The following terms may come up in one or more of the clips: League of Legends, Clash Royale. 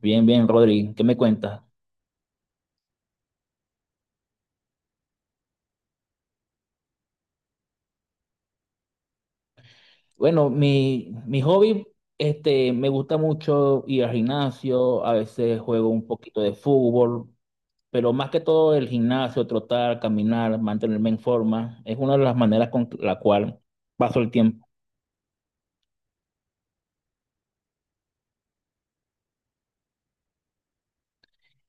Bien, bien, Rodri, ¿qué me cuentas? Bueno, mi hobby, me gusta mucho ir al gimnasio, a veces juego un poquito de fútbol, pero más que todo el gimnasio, trotar, caminar, mantenerme en forma, es una de las maneras con la cual paso el tiempo.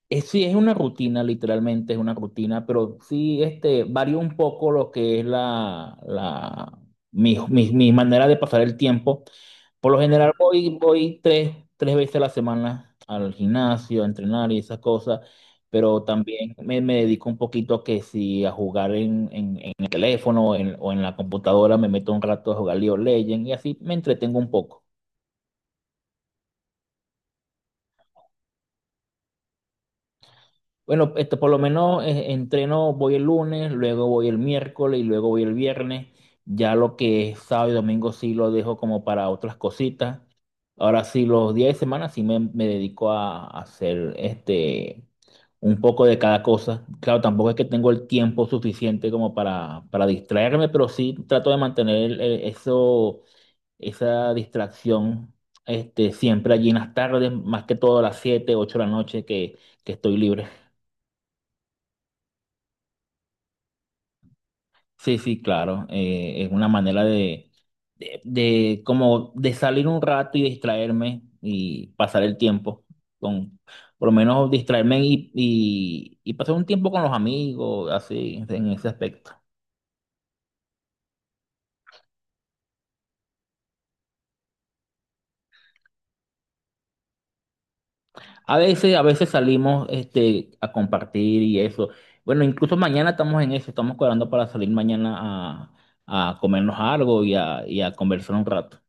Sí, es una rutina, literalmente es una rutina, pero sí varía un poco lo que es la, mi manera de pasar el tiempo. Por lo general voy tres veces a la semana al gimnasio, a entrenar y esas cosas, pero también me dedico un poquito a que si a jugar en el teléfono o en la computadora, me meto un rato a jugar League of Legends y así me entretengo un poco. Bueno, por lo menos entreno, voy el lunes, luego voy el miércoles y luego voy el viernes. Ya lo que es sábado y domingo sí lo dejo como para otras cositas. Ahora sí, los días de semana sí me dedico a hacer un poco de cada cosa. Claro, tampoco es que tengo el tiempo suficiente como para distraerme, pero sí trato de mantener eso, esa distracción siempre allí en las tardes, más que todo a las 7, 8 de la noche que estoy libre. Sí, sí, claro. Es una manera de como de salir un rato y distraerme y pasar el tiempo con, por lo menos distraerme y pasar un tiempo con los amigos, así, en ese aspecto. A veces, salimos a compartir y eso. Bueno, incluso mañana estamos en eso, estamos cuadrando para salir mañana a comernos algo y a conversar un rato.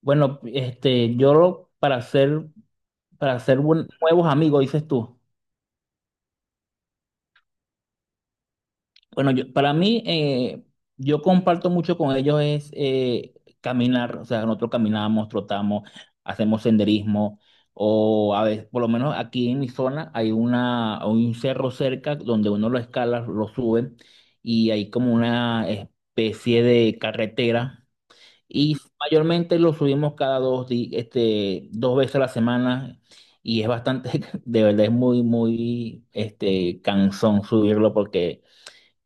Bueno, este, yo para hacer Para hacer nuevos amigos, dices tú. Bueno, para mí, yo comparto mucho con ellos es caminar, o sea, nosotros caminamos, trotamos, hacemos senderismo, o a veces, por lo menos aquí en mi zona, hay un cerro cerca donde uno lo escala, lo sube, y hay como una especie de carretera. Y mayormente lo subimos cada 2 veces a la semana y es bastante, de verdad es muy, muy, cansón subirlo porque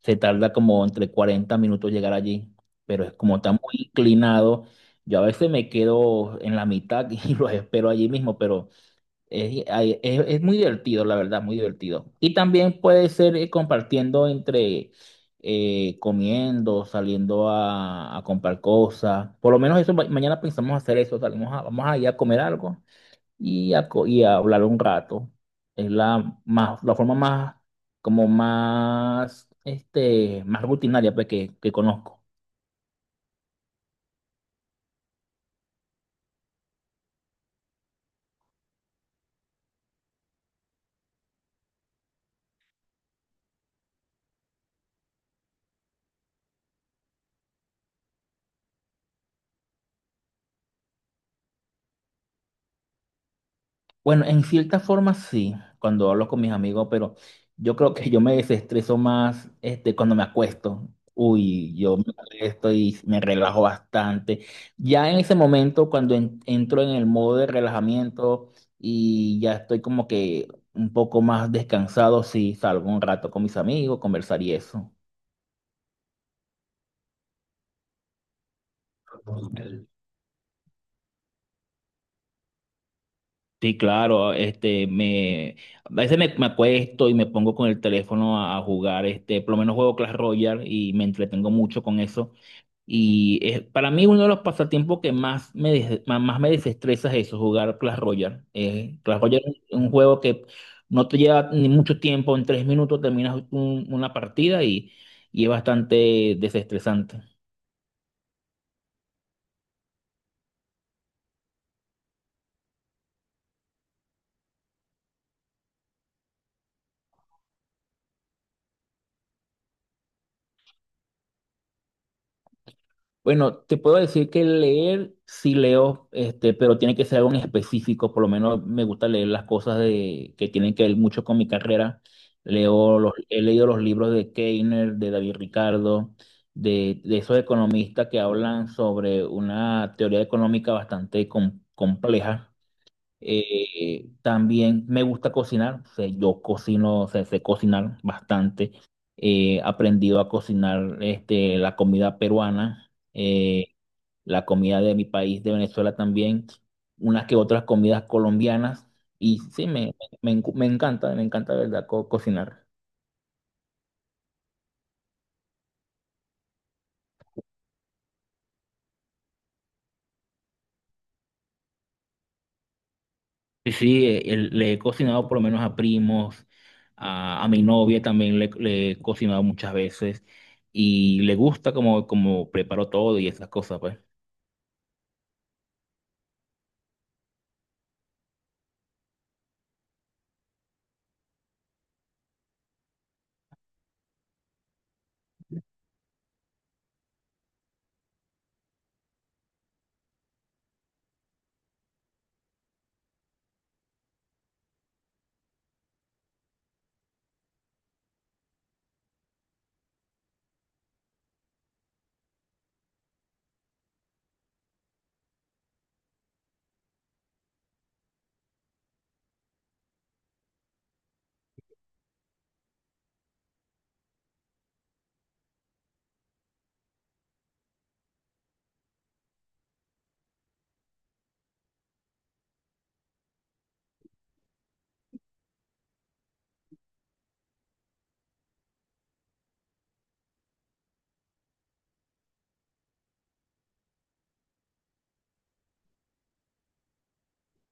se tarda como entre 40 minutos llegar allí, pero es como está muy inclinado, yo a veces me quedo en la mitad y los espero allí mismo, pero ay, es muy divertido, la verdad, muy divertido. Y también puede ser compartiendo entre comiendo, saliendo a comprar cosas. Por lo menos eso, mañana pensamos hacer eso. Vamos a ir a comer algo y a hablar un rato. Es la forma más, como más, más rutinaria pues, que conozco. Bueno, en cierta forma sí, cuando hablo con mis amigos, pero yo creo que yo me desestreso más cuando me acuesto. Uy, yo me acuesto y me relajo bastante. Ya en ese momento, cuando entro en el modo de relajamiento y ya estoy como que un poco más descansado, sí, salgo un rato con mis amigos, conversar y eso. Sí, claro, a veces me acuesto y me pongo con el teléfono a jugar, por lo menos juego Clash Royale y me entretengo mucho con eso. Y para mí uno de los pasatiempos que más me desestresa es eso, jugar Clash Royale. Clash Royale es un juego que no te lleva ni mucho tiempo, en 3 minutos terminas una partida y es bastante desestresante. Bueno, te puedo decir que leer sí leo, pero tiene que ser algo en específico. Por lo menos me gusta leer las cosas que tienen que ver mucho con mi carrera. Leo he leído los libros de Keiner, de David Ricardo, de esos economistas que hablan sobre una teoría económica bastante compleja. También me gusta cocinar, o sea, yo cocino, o sea, sé cocinar bastante. He aprendido a cocinar la comida peruana, la comida de mi país, de Venezuela también, unas que otras comidas colombianas. Y sí, me encanta, me encanta, ¿de verdad?, cocinar. Sí, sí, le he cocinado por lo menos a primos, a mi novia también le he cocinado muchas veces y le gusta como preparo todo y esas cosas, pues.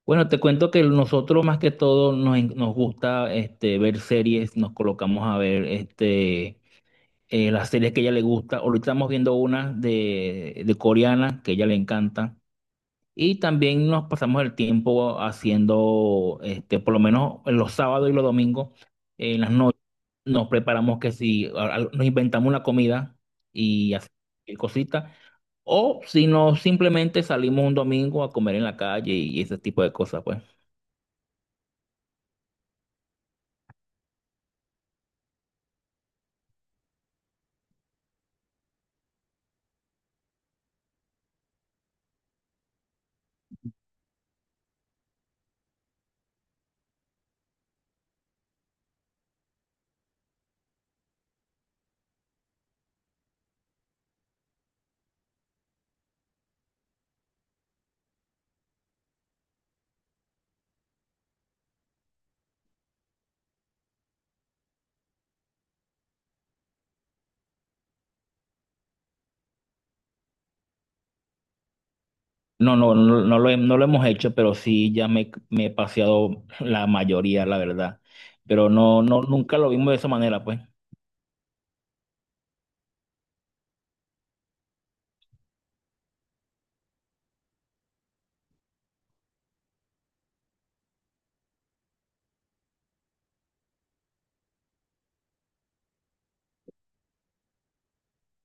Bueno, te cuento que nosotros más que todo nos gusta ver series, nos colocamos a ver las series que a ella le gusta. Ahorita estamos viendo una de coreana que a ella le encanta. Y también nos pasamos el tiempo haciendo, por lo menos los sábados y los domingos, en las noches, nos preparamos que si nos inventamos una comida y hacemos cositas, o si no, simplemente salimos un domingo a comer en la calle y ese tipo de cosas, pues. No, no, no, no lo hemos hecho, pero sí ya me he paseado la mayoría, la verdad. Pero no, no, nunca lo vimos de esa manera, pues.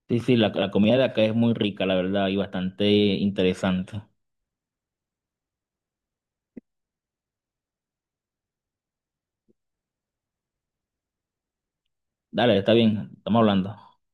Sí, sí, la comida de acá es muy rica, la verdad, y bastante interesante. Dale, está bien, estamos hablando.